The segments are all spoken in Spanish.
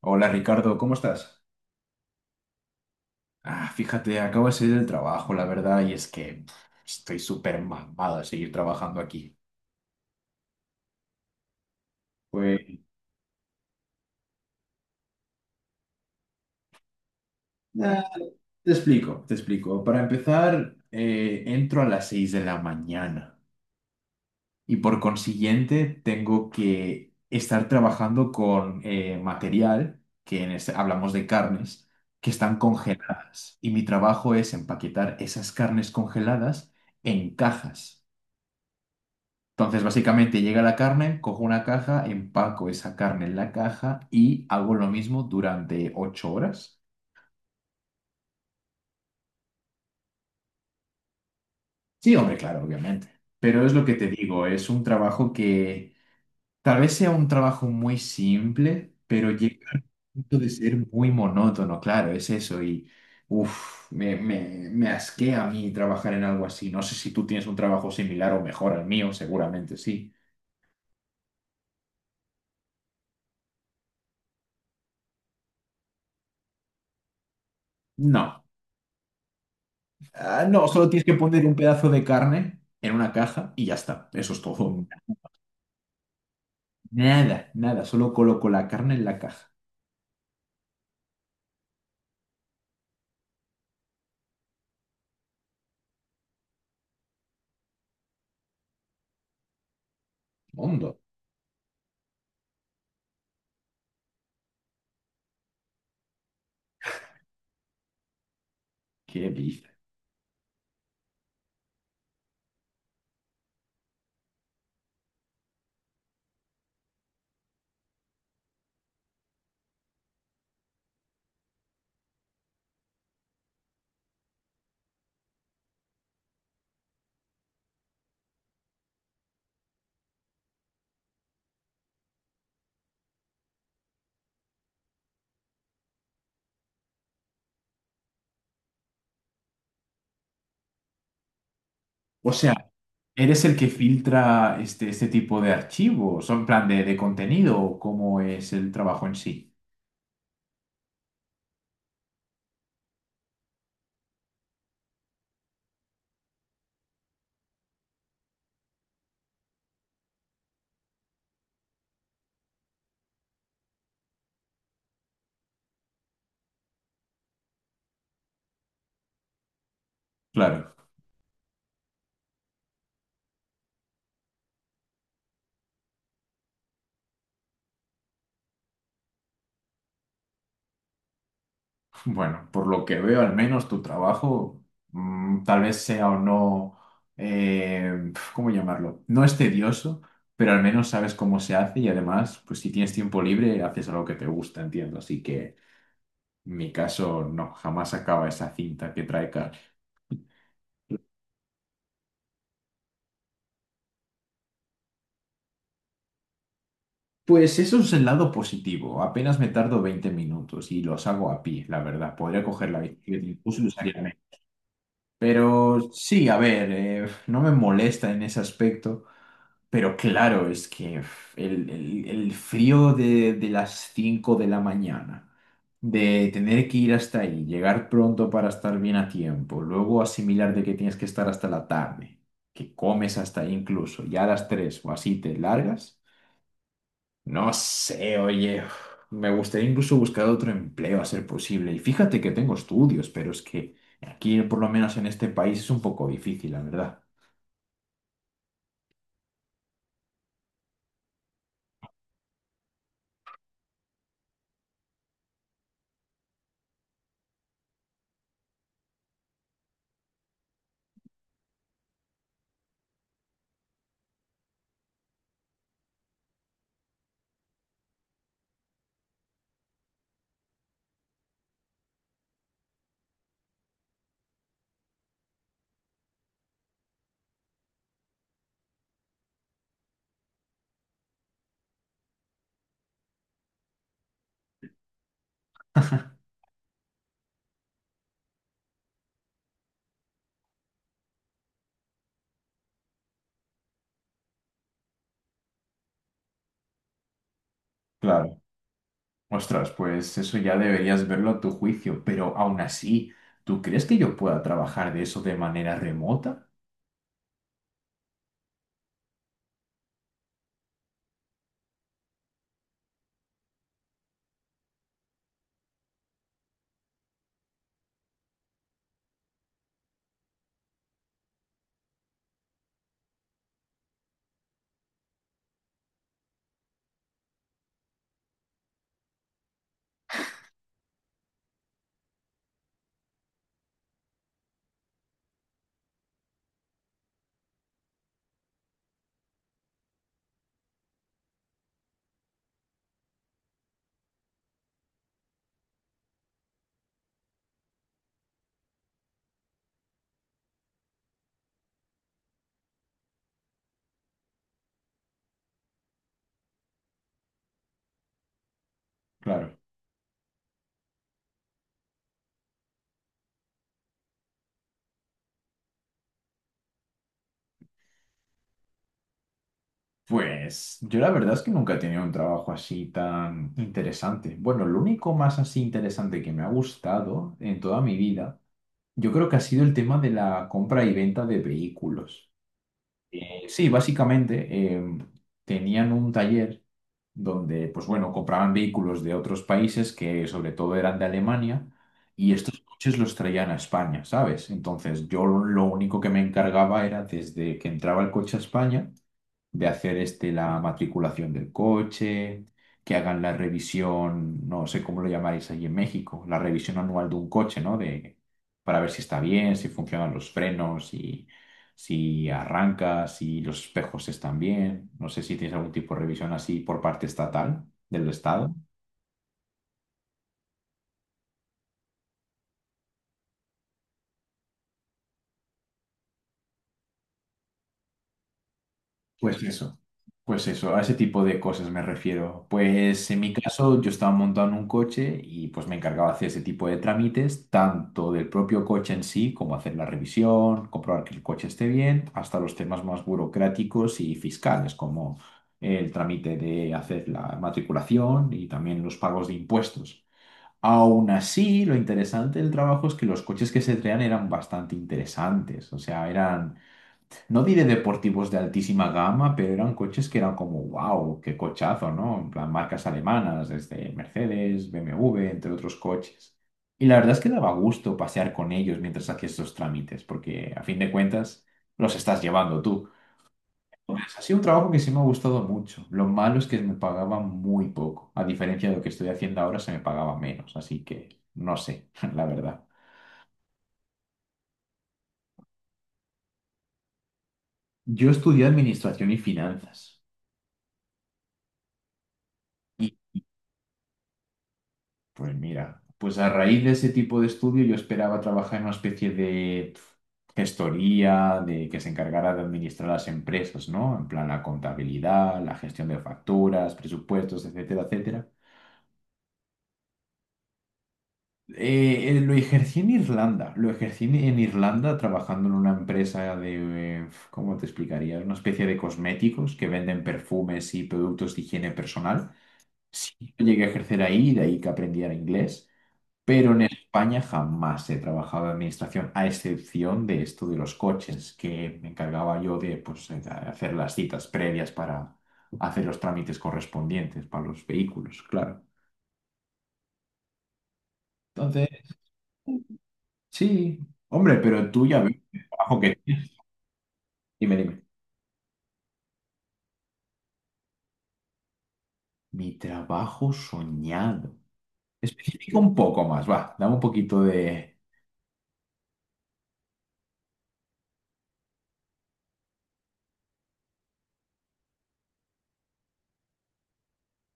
Hola Ricardo, ¿cómo estás? Ah, fíjate, acabo de salir del trabajo, la verdad, y es que estoy súper mamado de seguir trabajando aquí. Pues nada, te explico, te explico. Para empezar, entro a las 6 de la mañana y por consiguiente tengo que estar trabajando con material, que hablamos de carnes, que están congeladas. Y mi trabajo es empaquetar esas carnes congeladas en cajas. Entonces, básicamente llega la carne, cojo una caja, empaco esa carne en la caja y hago lo mismo durante 8 horas. Sí, hombre, claro, obviamente. Pero es lo que te digo, es un trabajo que tal vez sea un trabajo muy simple, pero llega al punto de ser muy monótono, claro, es eso. Y, me asquea a mí trabajar en algo así. No sé si tú tienes un trabajo similar o mejor al mío, seguramente sí. No. Ah, no, solo tienes que poner un pedazo de carne en una caja y ya está. Eso es todo. Nada, nada. Solo coloco la carne en la caja. Mundo, qué pizza. O sea, ¿eres el que filtra este tipo de archivos? ¿O en plan de contenido? ¿O cómo es el trabajo en sí? Claro. Bueno, por lo que veo, al menos tu trabajo, tal vez sea o no, ¿cómo llamarlo? No es tedioso, pero al menos sabes cómo se hace y además, pues si tienes tiempo libre, haces algo que te gusta, entiendo. Así que en mi caso, no, jamás acaba esa cinta que trae Carl. Pues eso es el lado positivo. Apenas me tardo 20 minutos y los hago a pie, la verdad. Podría coger la bicicleta incluso y usaría menos. Pero sí, a ver, no me molesta en ese aspecto. Pero claro, es que el frío de las 5 de la mañana, de tener que ir hasta ahí, llegar pronto para estar bien a tiempo, luego asimilar de que tienes que estar hasta la tarde, que comes hasta ahí incluso, ya a las 3 o así te largas. No sé, oye, me gustaría incluso buscar otro empleo a ser posible. Y fíjate que tengo estudios, pero es que aquí, por lo menos en este país, es un poco difícil, la verdad. Claro. Ostras, pues eso ya deberías verlo a tu juicio, pero aún así, ¿tú crees que yo pueda trabajar de eso de manera remota? Claro. Pues yo la verdad es que nunca he tenido un trabajo así tan interesante. Bueno, lo único más así interesante que me ha gustado en toda mi vida, yo creo que ha sido el tema de la compra y venta de vehículos. Sí, básicamente eh, tenían un taller donde, pues bueno, compraban vehículos de otros países que sobre todo eran de Alemania y estos coches los traían a España, ¿sabes? Entonces yo lo único que me encargaba era desde que entraba el coche a España de hacer la matriculación del coche, que hagan la revisión, no sé cómo lo llamáis allí en México, la revisión anual de un coche, ¿no? De, para ver si está bien, si funcionan los frenos, si, arranca, si los espejos están bien. No sé si tienes algún tipo de revisión así por parte estatal del Estado. Pues eso, pues eso, a ese tipo de cosas me refiero. Pues en mi caso yo estaba montado en un coche y pues me encargaba de hacer ese tipo de trámites, tanto del propio coche en sí, como hacer la revisión, comprobar que el coche esté bien, hasta los temas más burocráticos y fiscales, como el trámite de hacer la matriculación y también los pagos de impuestos. Aún así, lo interesante del trabajo es que los coches que se traían eran bastante interesantes, o sea, eran no diré deportivos de altísima gama, pero eran coches que eran como, wow, qué cochazo, ¿no? En plan, marcas alemanas, desde Mercedes, BMW, entre otros coches. Y la verdad es que daba gusto pasear con ellos mientras hacías estos trámites, porque a fin de cuentas los estás llevando tú. Pues, ha sido un trabajo que sí me ha gustado mucho. Lo malo es que me pagaban muy poco. A diferencia de lo que estoy haciendo ahora, se me pagaba menos. Así que no sé, la verdad. Yo estudié administración y finanzas. Pues mira, pues a raíz de ese tipo de estudio yo esperaba trabajar en una especie de gestoría, de que se encargara de administrar las empresas, ¿no? En plan la contabilidad, la gestión de facturas, presupuestos, etcétera, etcétera. Lo ejercí en Irlanda, lo ejercí en Irlanda trabajando en una empresa de, ¿cómo te explicaría? Una especie de cosméticos que venden perfumes y productos de higiene personal. Sí, llegué a ejercer ahí, de ahí que aprendiera inglés. Pero en España jamás he trabajado en administración, a excepción de esto de los coches, que me encargaba yo de, pues, hacer las citas previas para hacer los trámites correspondientes para los vehículos, claro. Entonces, sí, hombre, pero tú ya ves el trabajo que tienes. Dime, dime. Mi trabajo soñado. Especifica un poco más, va, dame un poquito de...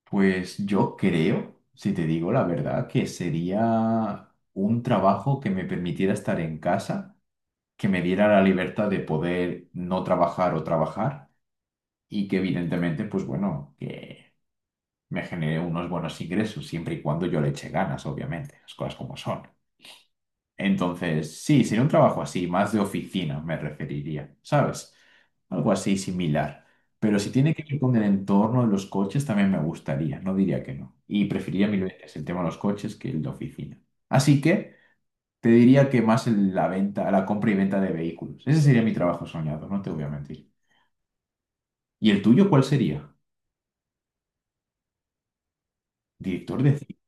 Pues yo creo, si te digo la verdad, que sería un trabajo que me permitiera estar en casa que me diera la libertad de poder no trabajar o trabajar y que evidentemente, pues bueno, que me genere unos buenos ingresos siempre y cuando yo le eche ganas, obviamente, las cosas como son. Entonces, sí, sería un trabajo así, más de oficina me referiría, ¿sabes? Algo así similar. Pero si tiene que ver con el entorno de los coches, también me gustaría, no diría que no. Y preferiría mil veces el tema de los coches que el de oficina. Así que... Te diría que más la venta, la compra y venta de vehículos. Ese sería mi trabajo soñado, no te voy a mentir. ¿Y el tuyo cuál sería? Director de cine.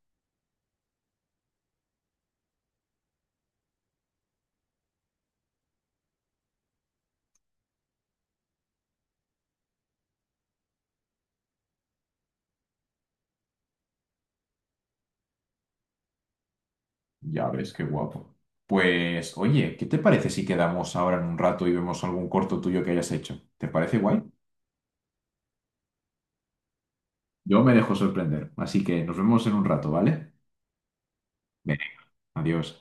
Ya ves, qué guapo. Pues, oye, ¿qué te parece si quedamos ahora en un rato y vemos algún corto tuyo que hayas hecho? ¿Te parece guay? Yo me dejo sorprender, así que nos vemos en un rato, ¿vale? Venga, adiós.